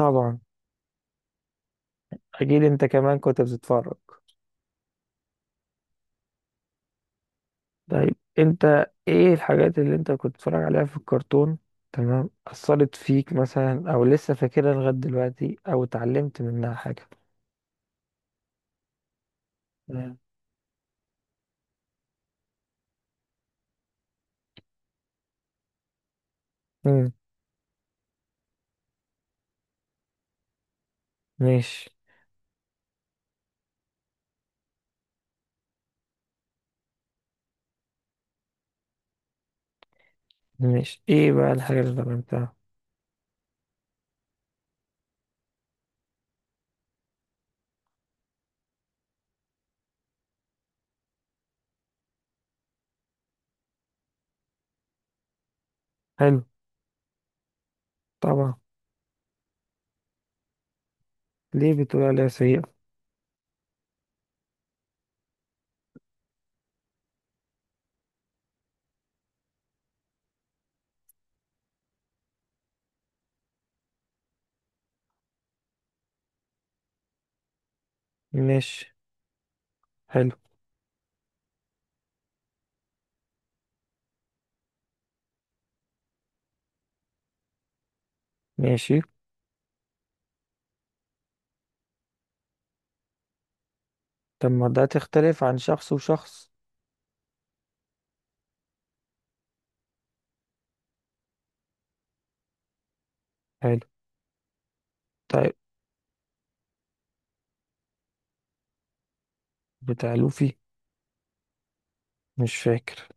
طبعا. اكيد انت كمان كنت بتتفرج. طيب، انت ايه الحاجات اللي انت كنت بتتفرج عليها في الكرتون؟ تمام، اثرت فيك مثلا او لسه فاكرها لغايه دلوقتي او اتعلمت منها حاجه؟ مم. مم. ماشي. ماشي، ايه بقى الحاجه اللي اتعلمتها؟ حلو. طبعا، ليه بتقول عليها سيئه؟ ماشي. حلو. ماشي. طب ما ده تختلف عن شخص وشخص؟ حلو. طيب. بتاع لوفي. مش فاكر.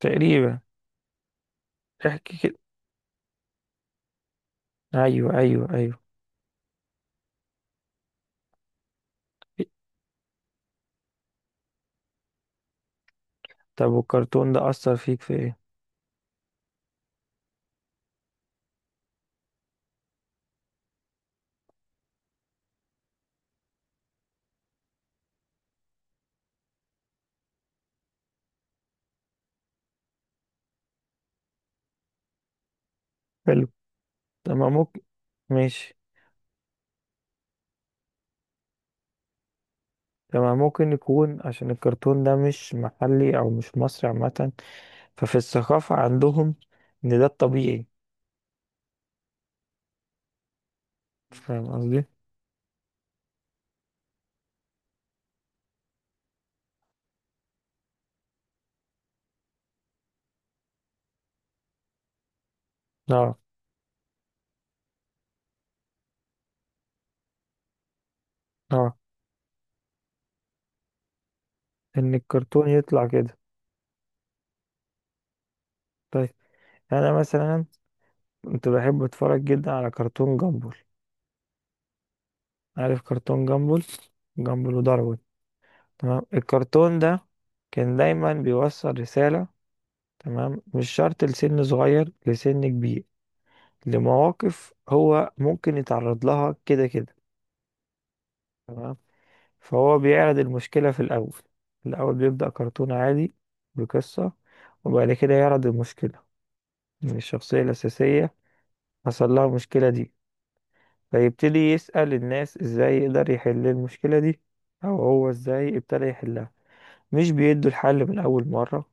تقريبا. احكي كده. ايوه، ايوه، ايوه. طب والكرتون ده أثر فيك في ايه؟ حلو. تمام ممكن. ماشي. تمام. ممكن يكون عشان الكرتون ده مش محلي أو مش مصري عامة، ففي الثقافة عندهم إن ده الطبيعي. فاهم قصدي؟ اه. اه، إن الكرتون يطلع كده. طيب، أنا مثلا كنت بحب أتفرج جدا على كرتون جامبل. عارف كرتون جامبل؟ جامبل وداروين. تمام، الكرتون ده كان دايما بيوصل رسالة. تمام، مش شرط لسن صغير، لسن كبير، لمواقف هو ممكن يتعرض لها كده كده. تمام. فهو بيعرض المشكلة في الأول. الأول بيبدأ كرتون عادي بقصة. وبعد كده يعرض المشكلة من الشخصية الأساسية. حصل لها المشكلة دي. فيبتدي يسأل الناس إزاي يقدر يحل المشكلة دي، أو هو إزاي ابتدى يحلها. مش بيدوا الحل من أول مرة،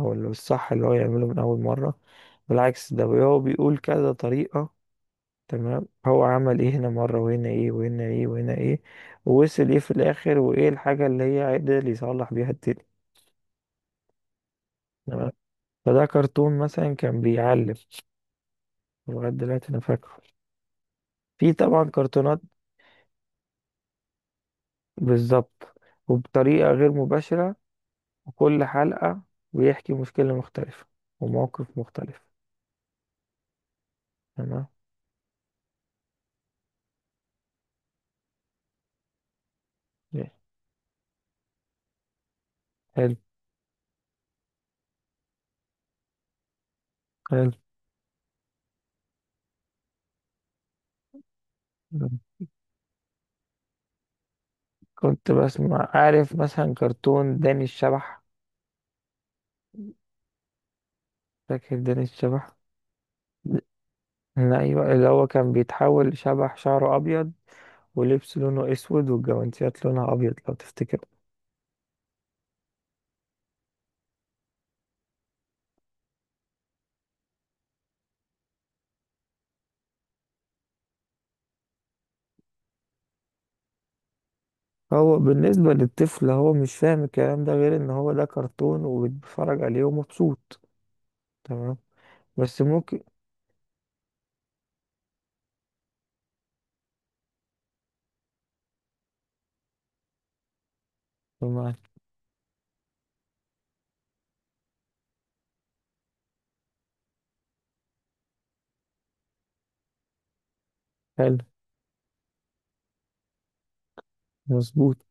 أو اللي الصح اللي هو يعمله من أول مرة. بالعكس، ده هو بيقول كذا طريقة. تمام، هو عمل ايه هنا مرة وهنا ايه وهنا ايه وهنا ايه، ووصل ايه في الاخر، وايه الحاجة اللي هي عدل يصلح بيها التاني. تمام. فده كرتون مثلا كان بيعلم. لغاية دلوقتي انا فاكره. في طبعا كرتونات. بالظبط، وبطريقة غير مباشرة، وكل حلقة بيحكي مشكلة مختلفة وموقف مختلف. تمام. إيه، حلو. حلو. كنت بسمع، عارف، مثلا كرتون داني الشبح. فاكر داني الشبح؟ ايوه، اللي هو كان بيتحول شبح شعره ابيض ولبس لونه اسود والجوانتيات لونها ابيض، لو تفتكر. هو بالنسبه للطفل هو مش فاهم الكلام ده غير ان هو ده كرتون وبيتفرج عليه ومبسوط. تمام. بس ممكن. تمام. حلو. مظبوط.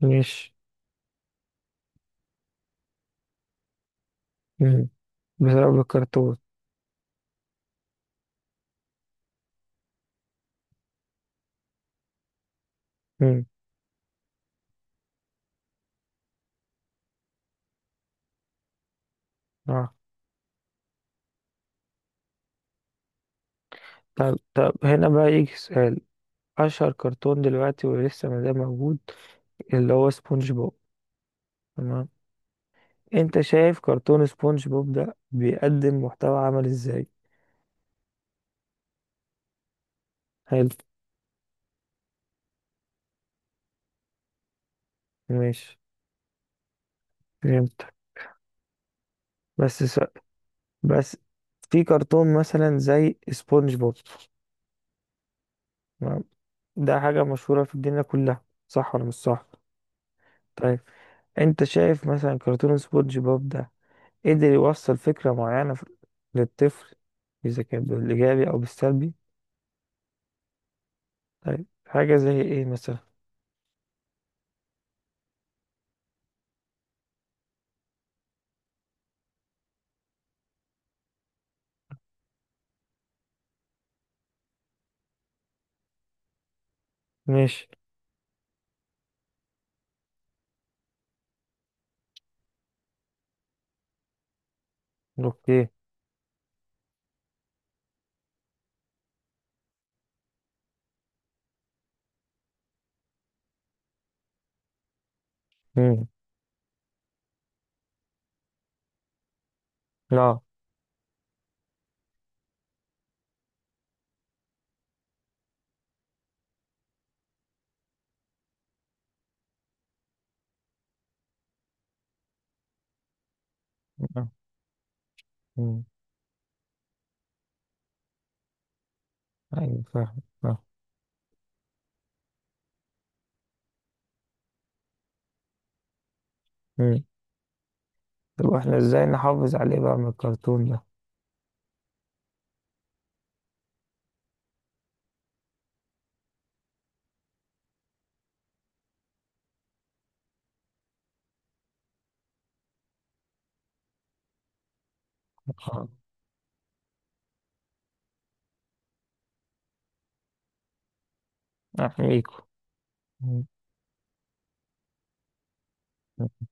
ماشي. مم. بسبب الكرتون. مم. اه. طب، هنا بقى يجي سؤال. اشهر كرتون دلوقتي ولسه ما زال موجود، اللي هو سبونج بوب. تمام. انت شايف كرتون سبونج بوب ده بيقدم محتوى عمل ازاي؟ حلو. ماشي. فهمتك. بس س... بس في كرتون مثلا زي سبونج بوب. تمام؟ ده حاجة مشهورة في الدنيا كلها، صح ولا مش صح؟ طيب، انت شايف مثلا كرتون سبونج بوب ده قدر يوصل فكرة معينة للطفل، اذا كان بالايجابي او بالسلبي؟ طيب، حاجة زي ايه مثلا؟ ماشي. اوكي. مم. لا. مم. ايوه، فاهم. فاهم. طب احنا ازاي نحافظ عليه بقى من الكرتون ده؟ آه، احميكوا. م- م-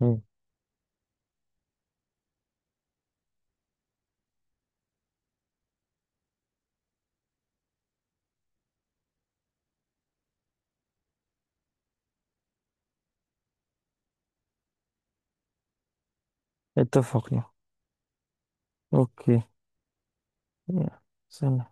م. اتفقنا. اوكي. يلا، سلام